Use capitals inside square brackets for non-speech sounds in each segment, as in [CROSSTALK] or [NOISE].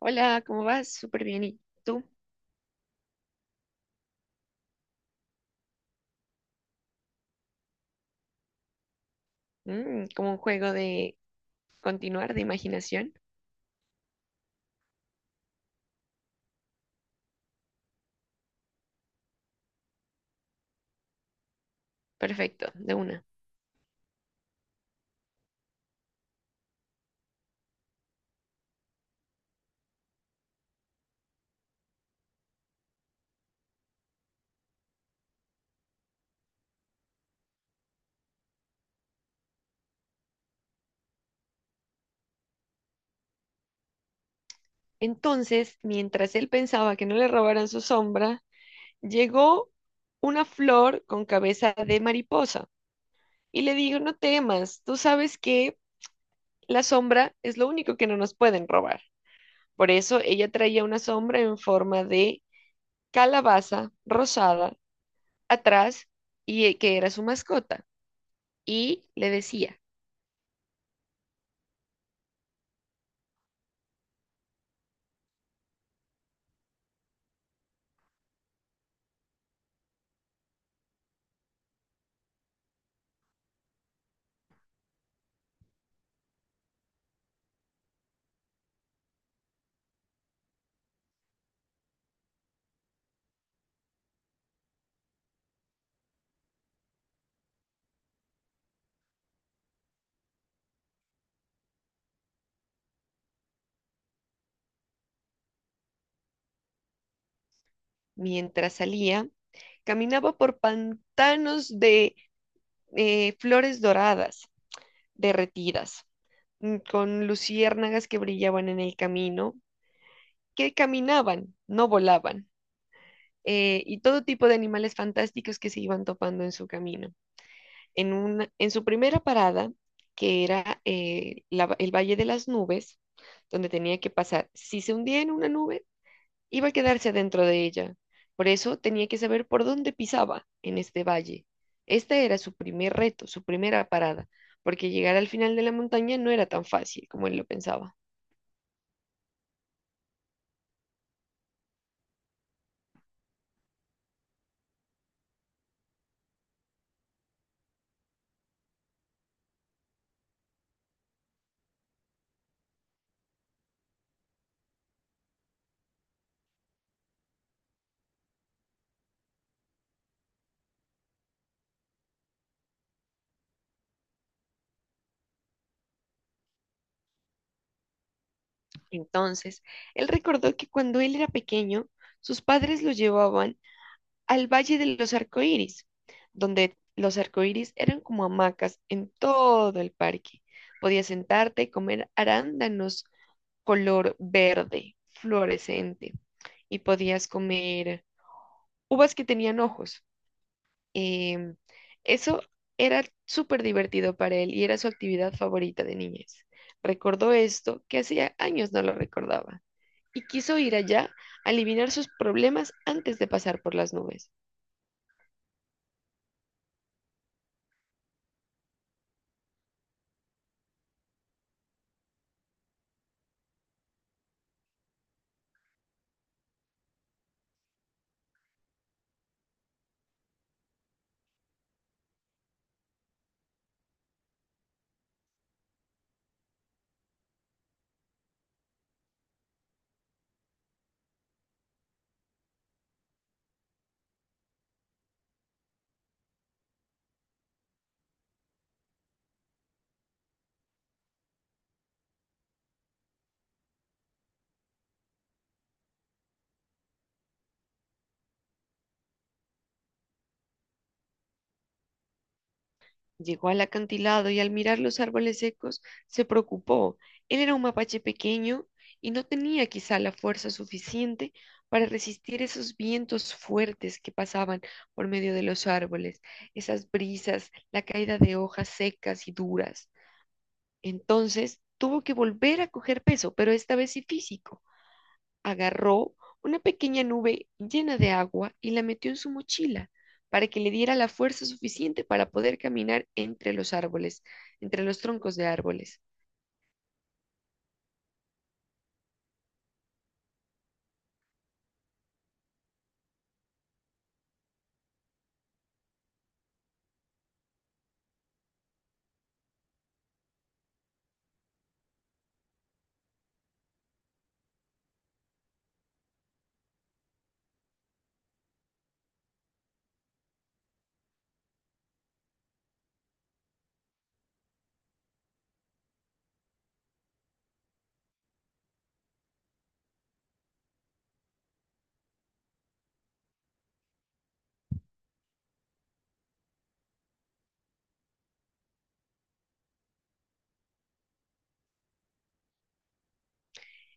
Hola, ¿cómo vas? Súper bien. ¿Y tú? Como un juego de continuar, de imaginación. Perfecto, de una. Entonces, mientras él pensaba que no le robaran su sombra, llegó una flor con cabeza de mariposa y le dijo, no temas, tú sabes que la sombra es lo único que no nos pueden robar. Por eso ella traía una sombra en forma de calabaza rosada atrás y que era su mascota. Y le decía, mientras salía, caminaba por pantanos de flores doradas, derretidas, con luciérnagas que brillaban en el camino, que caminaban, no volaban, y todo tipo de animales fantásticos que se iban topando en su camino. En su primera parada, que era el Valle de las Nubes, donde tenía que pasar, si se hundía en una nube, iba a quedarse dentro de ella. Por eso tenía que saber por dónde pisaba en este valle. Este era su primer reto, su primera parada, porque llegar al final de la montaña no era tan fácil como él lo pensaba. Entonces, él recordó que cuando él era pequeño, sus padres lo llevaban al Valle de los Arcoíris, donde los arcoíris eran como hamacas en todo el parque. Podías sentarte, comer arándanos color verde, fluorescente, y podías comer uvas que tenían ojos. Em, Eso era súper divertido para él y era su actividad favorita de niñez. Recordó esto que hacía años no lo recordaba y quiso ir allá a eliminar sus problemas antes de pasar por las nubes. Llegó al acantilado y al mirar los árboles secos se preocupó. Él era un mapache pequeño y no tenía quizá la fuerza suficiente para resistir esos vientos fuertes que pasaban por medio de los árboles, esas brisas, la caída de hojas secas y duras. Entonces tuvo que volver a coger peso, pero esta vez sí físico, agarró una pequeña nube llena de agua y la metió en su mochila para que le diera la fuerza suficiente para poder caminar entre los árboles, entre los troncos de árboles.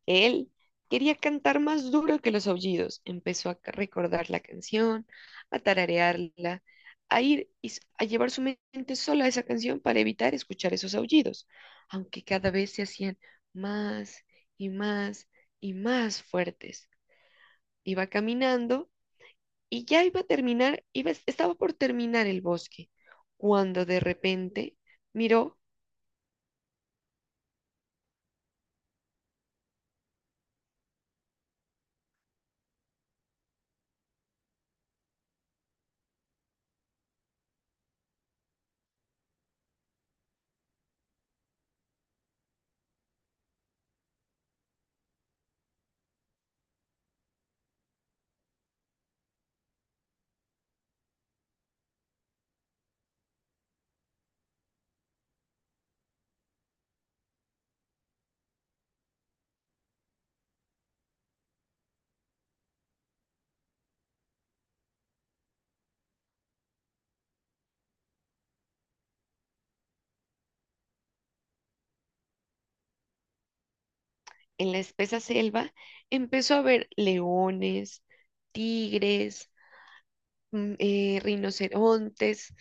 Él quería cantar más duro que los aullidos. Empezó a recordar la canción, a tararearla, a ir a llevar su mente sola a esa canción para evitar escuchar esos aullidos, aunque cada vez se hacían más y más y más fuertes. Iba caminando y ya iba a terminar, iba, estaba por terminar el bosque, cuando de repente miró en la espesa selva, empezó a ver leones, tigres, rinocerontes,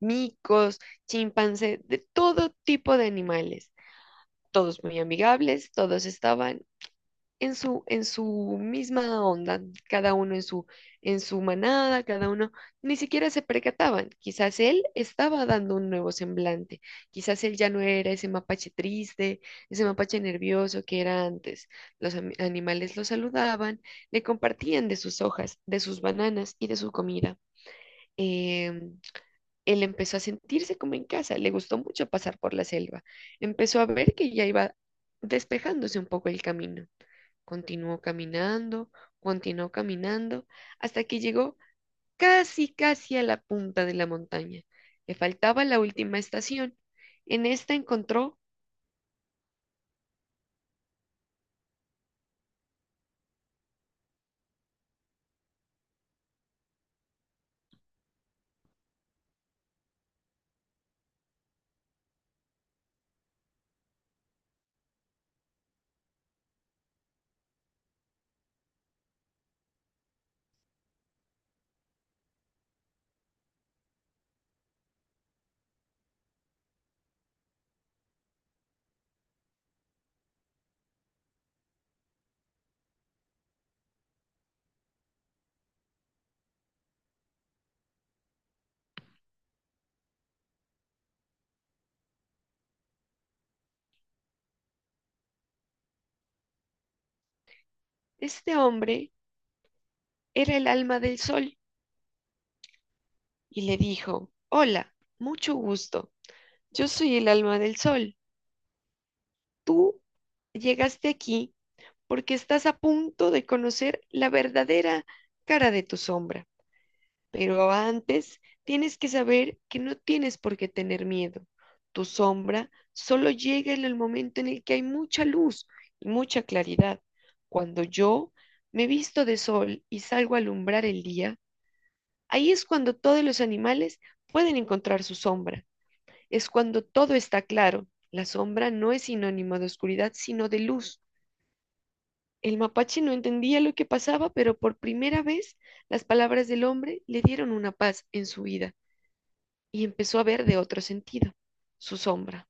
micos, chimpancés, de todo tipo de animales. Todos muy amigables, todos estaban en su misma onda, cada uno en su manada, cada uno, ni siquiera se percataban. Quizás él estaba dando un nuevo semblante, quizás él ya no era ese mapache triste, ese mapache nervioso que era antes. Animales lo saludaban, le compartían de sus hojas, de sus bananas y de su comida. Em, Él empezó a sentirse como en casa, le gustó mucho pasar por la selva, empezó a ver que ya iba despejándose un poco el camino. Continuó caminando, continuó caminando, hasta que llegó casi, casi a la punta de la montaña. Le faltaba la última estación. En esta encontró, este hombre era el alma del sol y le dijo, hola, mucho gusto. Yo soy el alma del sol. Tú llegaste aquí porque estás a punto de conocer la verdadera cara de tu sombra. Pero antes tienes que saber que no tienes por qué tener miedo. Tu sombra solo llega en el momento en el que hay mucha luz y mucha claridad. Cuando yo me visto de sol y salgo a alumbrar el día, ahí es cuando todos los animales pueden encontrar su sombra. Es cuando todo está claro. La sombra no es sinónimo de oscuridad, sino de luz. El mapache no entendía lo que pasaba, pero por primera vez las palabras del hombre le dieron una paz en su vida. Y empezó a ver de otro sentido, su sombra,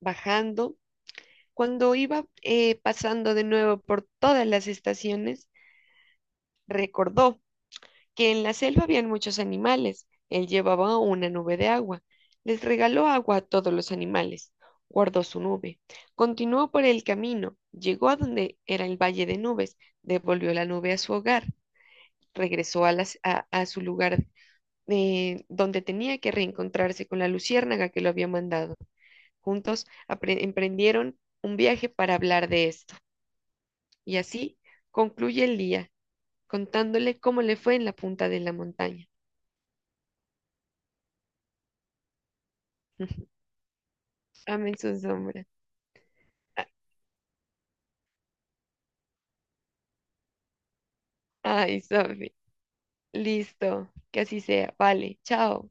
bajando. Cuando iba pasando de nuevo por todas las estaciones, recordó que en la selva habían muchos animales. Él llevaba una nube de agua. Les regaló agua a todos los animales. Guardó su nube. Continuó por el camino. Llegó a donde era el valle de nubes. Devolvió la nube a su hogar. Regresó a su lugar donde tenía que reencontrarse con la luciérnaga que lo había mandado. Juntos emprendieron un viaje para hablar de esto. Y así concluye el día, contándole cómo le fue en la punta de la montaña. [LAUGHS] Amen su sombra. Ay, Sofi, listo, que así sea. Vale, chao.